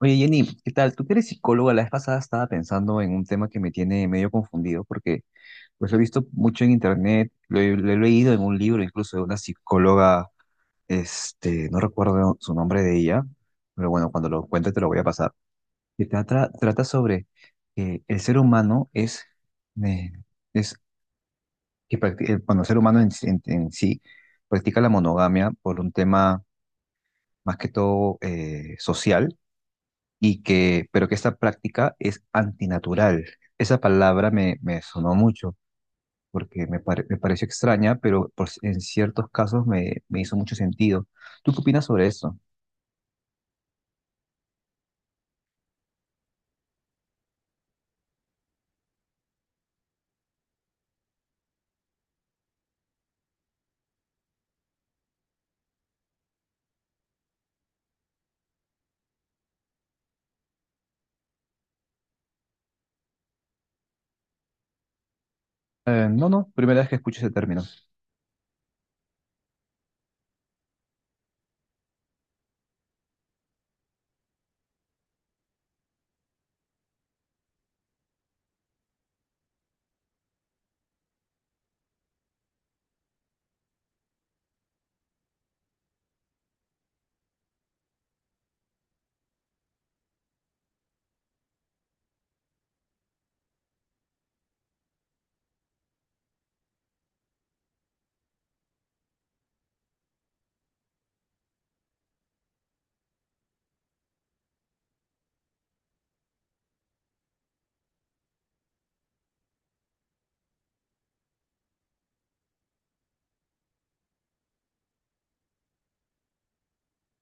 Oye, Jenny, ¿qué tal? Tú que eres psicóloga, la vez pasada estaba pensando en un tema que me tiene medio confundido porque pues lo he visto mucho en internet, lo he leído en un libro incluso de una psicóloga, no recuerdo su nombre de ella, pero bueno, cuando lo encuentre te lo voy a pasar, que trata sobre que el ser humano eh, es bueno, el ser humano en sí practica la monogamia por un tema más que todo social y que, pero que esta práctica es antinatural. Esa palabra me sonó mucho porque me pareció extraña, pero por, en ciertos casos me hizo mucho sentido. ¿Tú qué opinas sobre eso? No, primera vez que escucho ese término.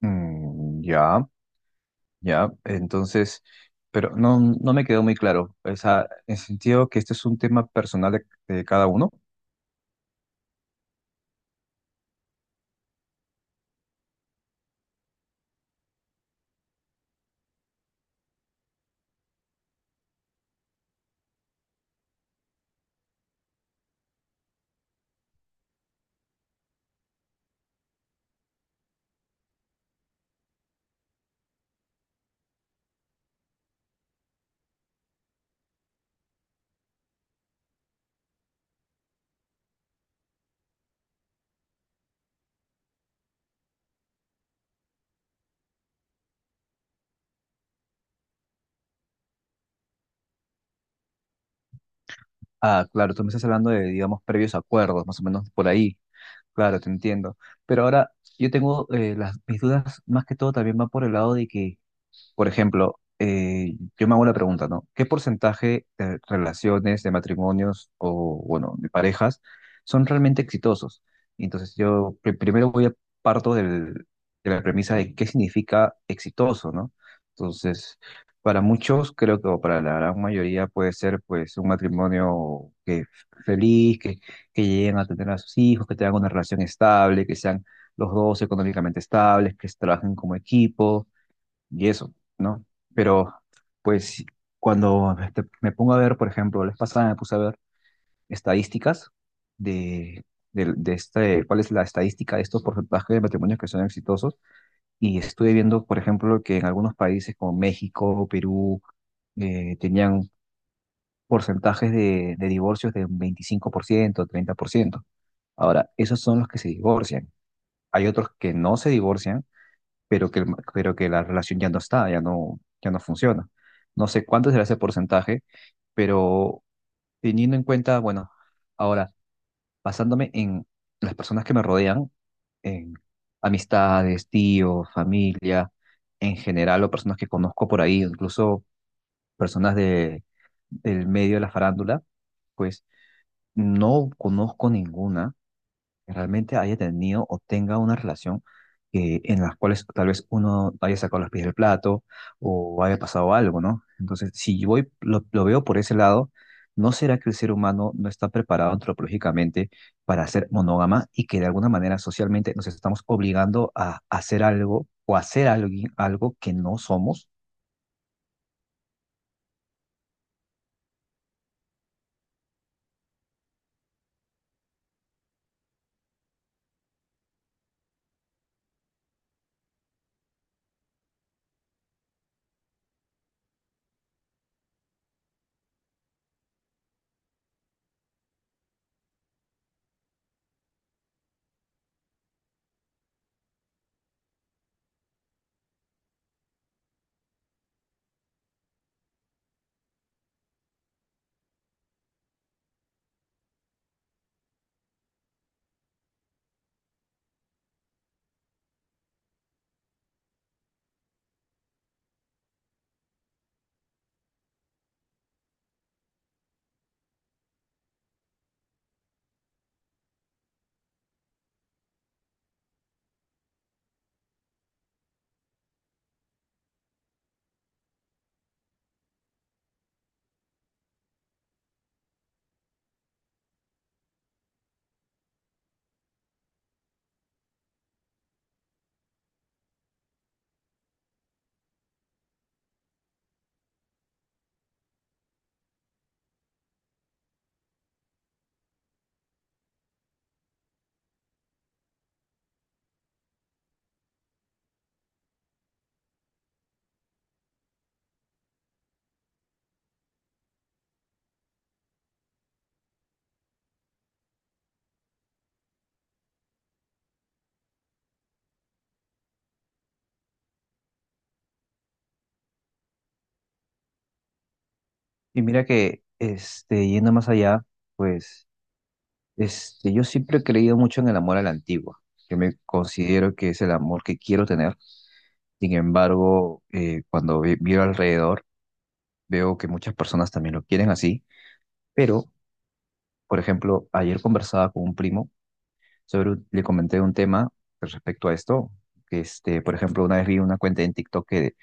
Mm, ya, ya, entonces, pero no, no me quedó muy claro. O sea, en sentido que este es un tema personal de cada uno. Ah, claro, tú me estás hablando de, digamos, previos acuerdos, más o menos por ahí. Claro, te entiendo. Pero ahora yo tengo mis dudas más que todo también van por el lado de que por ejemplo, yo me hago la pregunta, ¿no? ¿Qué porcentaje de relaciones, de matrimonios o, bueno, de parejas son realmente exitosos? Y entonces, primero voy a parto del- de la premisa de qué significa exitoso, ¿no? Entonces, para muchos, creo que, o para la gran mayoría, puede ser, pues, un matrimonio que feliz, que lleguen a tener a sus hijos, que tengan una relación estable, que sean los dos económicamente estables, que trabajen como equipo y eso, ¿no? Pero pues cuando me pongo a ver, por ejemplo, la vez pasada me puse a ver estadísticas de, de este, cuál es la estadística de estos porcentajes de matrimonios que son exitosos y estuve viendo, por ejemplo, que en algunos países como México, Perú, tenían porcentajes de divorcios de un 25%, 30%. Ahora, esos son los que se divorcian. Hay otros que no se divorcian pero que, pero que la relación ya no está, ya no funciona. No sé cuánto será ese porcentaje, pero teniendo en cuenta, bueno, ahora, basándome en las personas que me rodean, en amistades, tíos, familia, en general, o personas que conozco por ahí, incluso personas de, del medio de la farándula, pues no conozco ninguna que realmente haya tenido o tenga una relación en las cuales tal vez uno haya sacado los pies del plato o haya pasado algo, ¿no? Entonces, si yo voy, lo veo por ese lado, ¿no será que el ser humano no está preparado antropológicamente para ser monógama y que de alguna manera socialmente nos estamos obligando a hacer algo o hacer algo, algo que no somos? Y mira que, yendo más allá, pues... Este, yo siempre he creído mucho en el amor a la antigua, que me considero que es el amor que quiero tener. Sin embargo, miro alrededor, veo que muchas personas también lo quieren así. Pero, por ejemplo, ayer conversaba con un primo le comenté un tema respecto a esto, que por ejemplo, una vez vi una cuenta en TikTok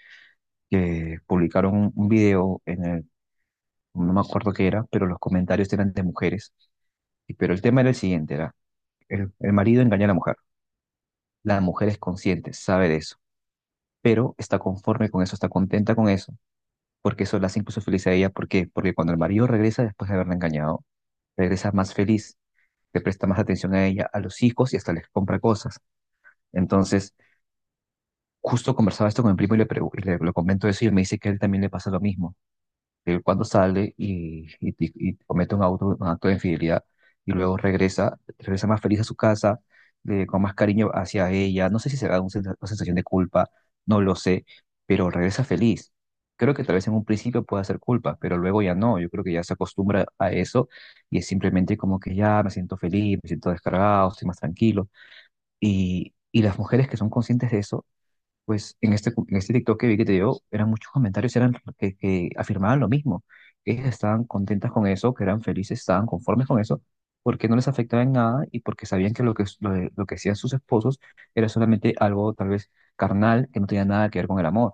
que publicaron un video en el, no me acuerdo qué era, pero los comentarios eran de mujeres. Y- Pero el tema era el siguiente, era el marido engaña a la mujer. La mujer es consciente, sabe de eso, pero está conforme con eso, está contenta con eso, porque eso la hace incluso feliz a ella. ¿Por qué? Porque cuando el marido regresa después de haberla engañado, regresa más feliz, le presta más atención a ella, a los hijos y hasta les compra cosas. Entonces, justo conversaba esto con mi primo y lo comento eso y él me dice que a él también le pasa lo mismo. Él cuando sale y comete un acto de infidelidad y luego regresa más feliz a su casa, con más cariño hacia ella. No sé si será una sensación de culpa, no lo sé, pero regresa feliz. Creo que tal vez en un principio pueda ser culpa, pero luego ya no. Yo creo que ya se acostumbra a eso y es simplemente como que ya me siento feliz, me siento descargado, estoy más tranquilo. Y las mujeres que son conscientes de eso pues en este TikTok que vi que te dio, eran muchos comentarios eran que afirmaban lo mismo, que ellas estaban contentas con eso, que eran felices, estaban conformes con eso, porque no les afectaba en nada y porque sabían que lo que hacían sus esposos era solamente algo tal vez carnal, que no tenía nada que ver con el amor.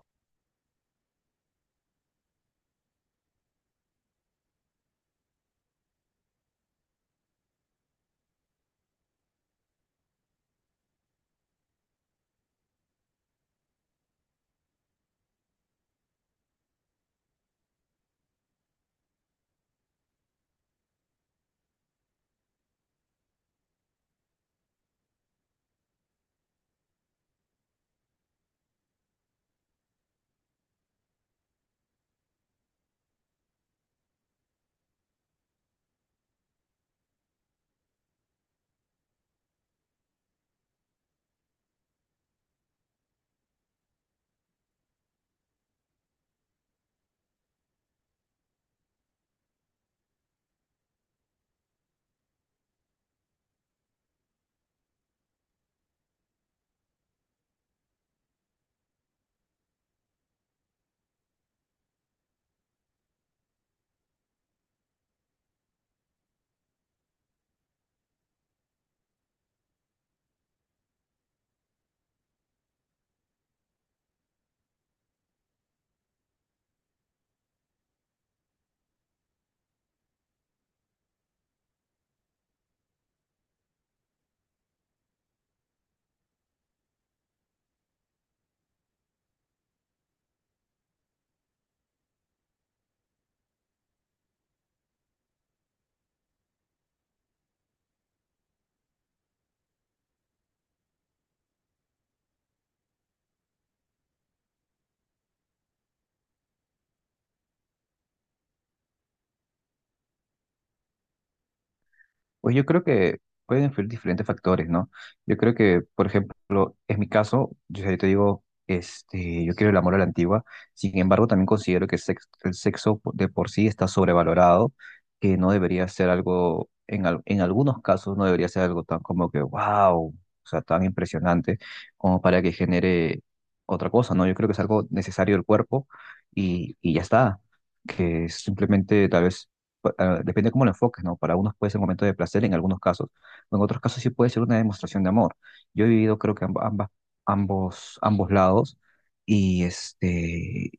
Pues yo creo que pueden influir diferentes factores, ¿no? Yo creo que, por ejemplo, en mi caso, yo te digo, yo quiero el amor a la antigua, sin embargo, también considero que el sexo de por sí está sobrevalorado, que no debería ser algo, en algunos casos, no debería ser algo tan como que, wow, o sea, tan impresionante como para que genere otra cosa, ¿no? Yo creo que es algo necesario del cuerpo y ya está, que simplemente tal vez depende de cómo lo enfoques, ¿no? Para unos puede ser un momento de placer en algunos casos, o en otros casos sí puede ser una demostración de amor. Yo he vivido creo que ambas, ambos lados y,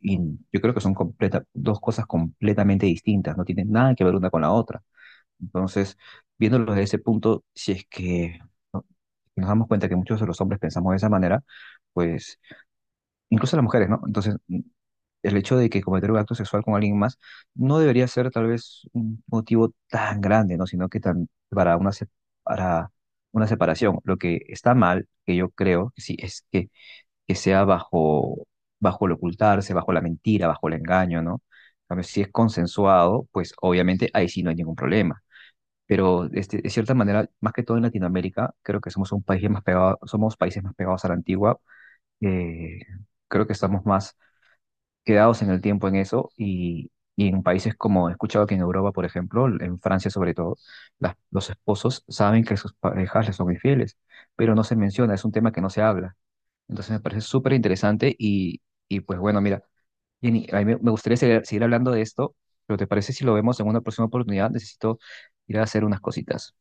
y yo creo que son dos cosas completamente distintas, no tienen nada que ver una con la otra. Entonces, viéndolo desde ese punto, si es que ¿no? nos damos cuenta que muchos de los hombres pensamos de esa manera, pues incluso las mujeres, ¿no? Entonces, el hecho de que cometer un acto sexual con alguien más no debería ser tal vez un motivo tan grande, ¿no? Sino que tan, para una separación. Lo que está mal, que yo creo que sí, es que sea bajo, bajo el ocultarse, bajo la mentira, bajo el engaño, ¿no? En cambio, si es consensuado, pues obviamente ahí sí no hay ningún problema. Pero de cierta manera, más que todo en Latinoamérica, creo que somos un país más pegado, somos países más pegados a la antigua. eh, Creo que estamos más quedados en el tiempo en eso y en países como he escuchado que en Europa, por ejemplo, en Francia sobre todo, los esposos saben que sus parejas les son infieles, pero no se menciona, es un tema que no se habla. Entonces me parece súper interesante y pues bueno, mira, Jenny, a mí me gustaría seguir hablando de esto, pero ¿te parece si lo vemos en una próxima oportunidad? Necesito ir a hacer unas cositas.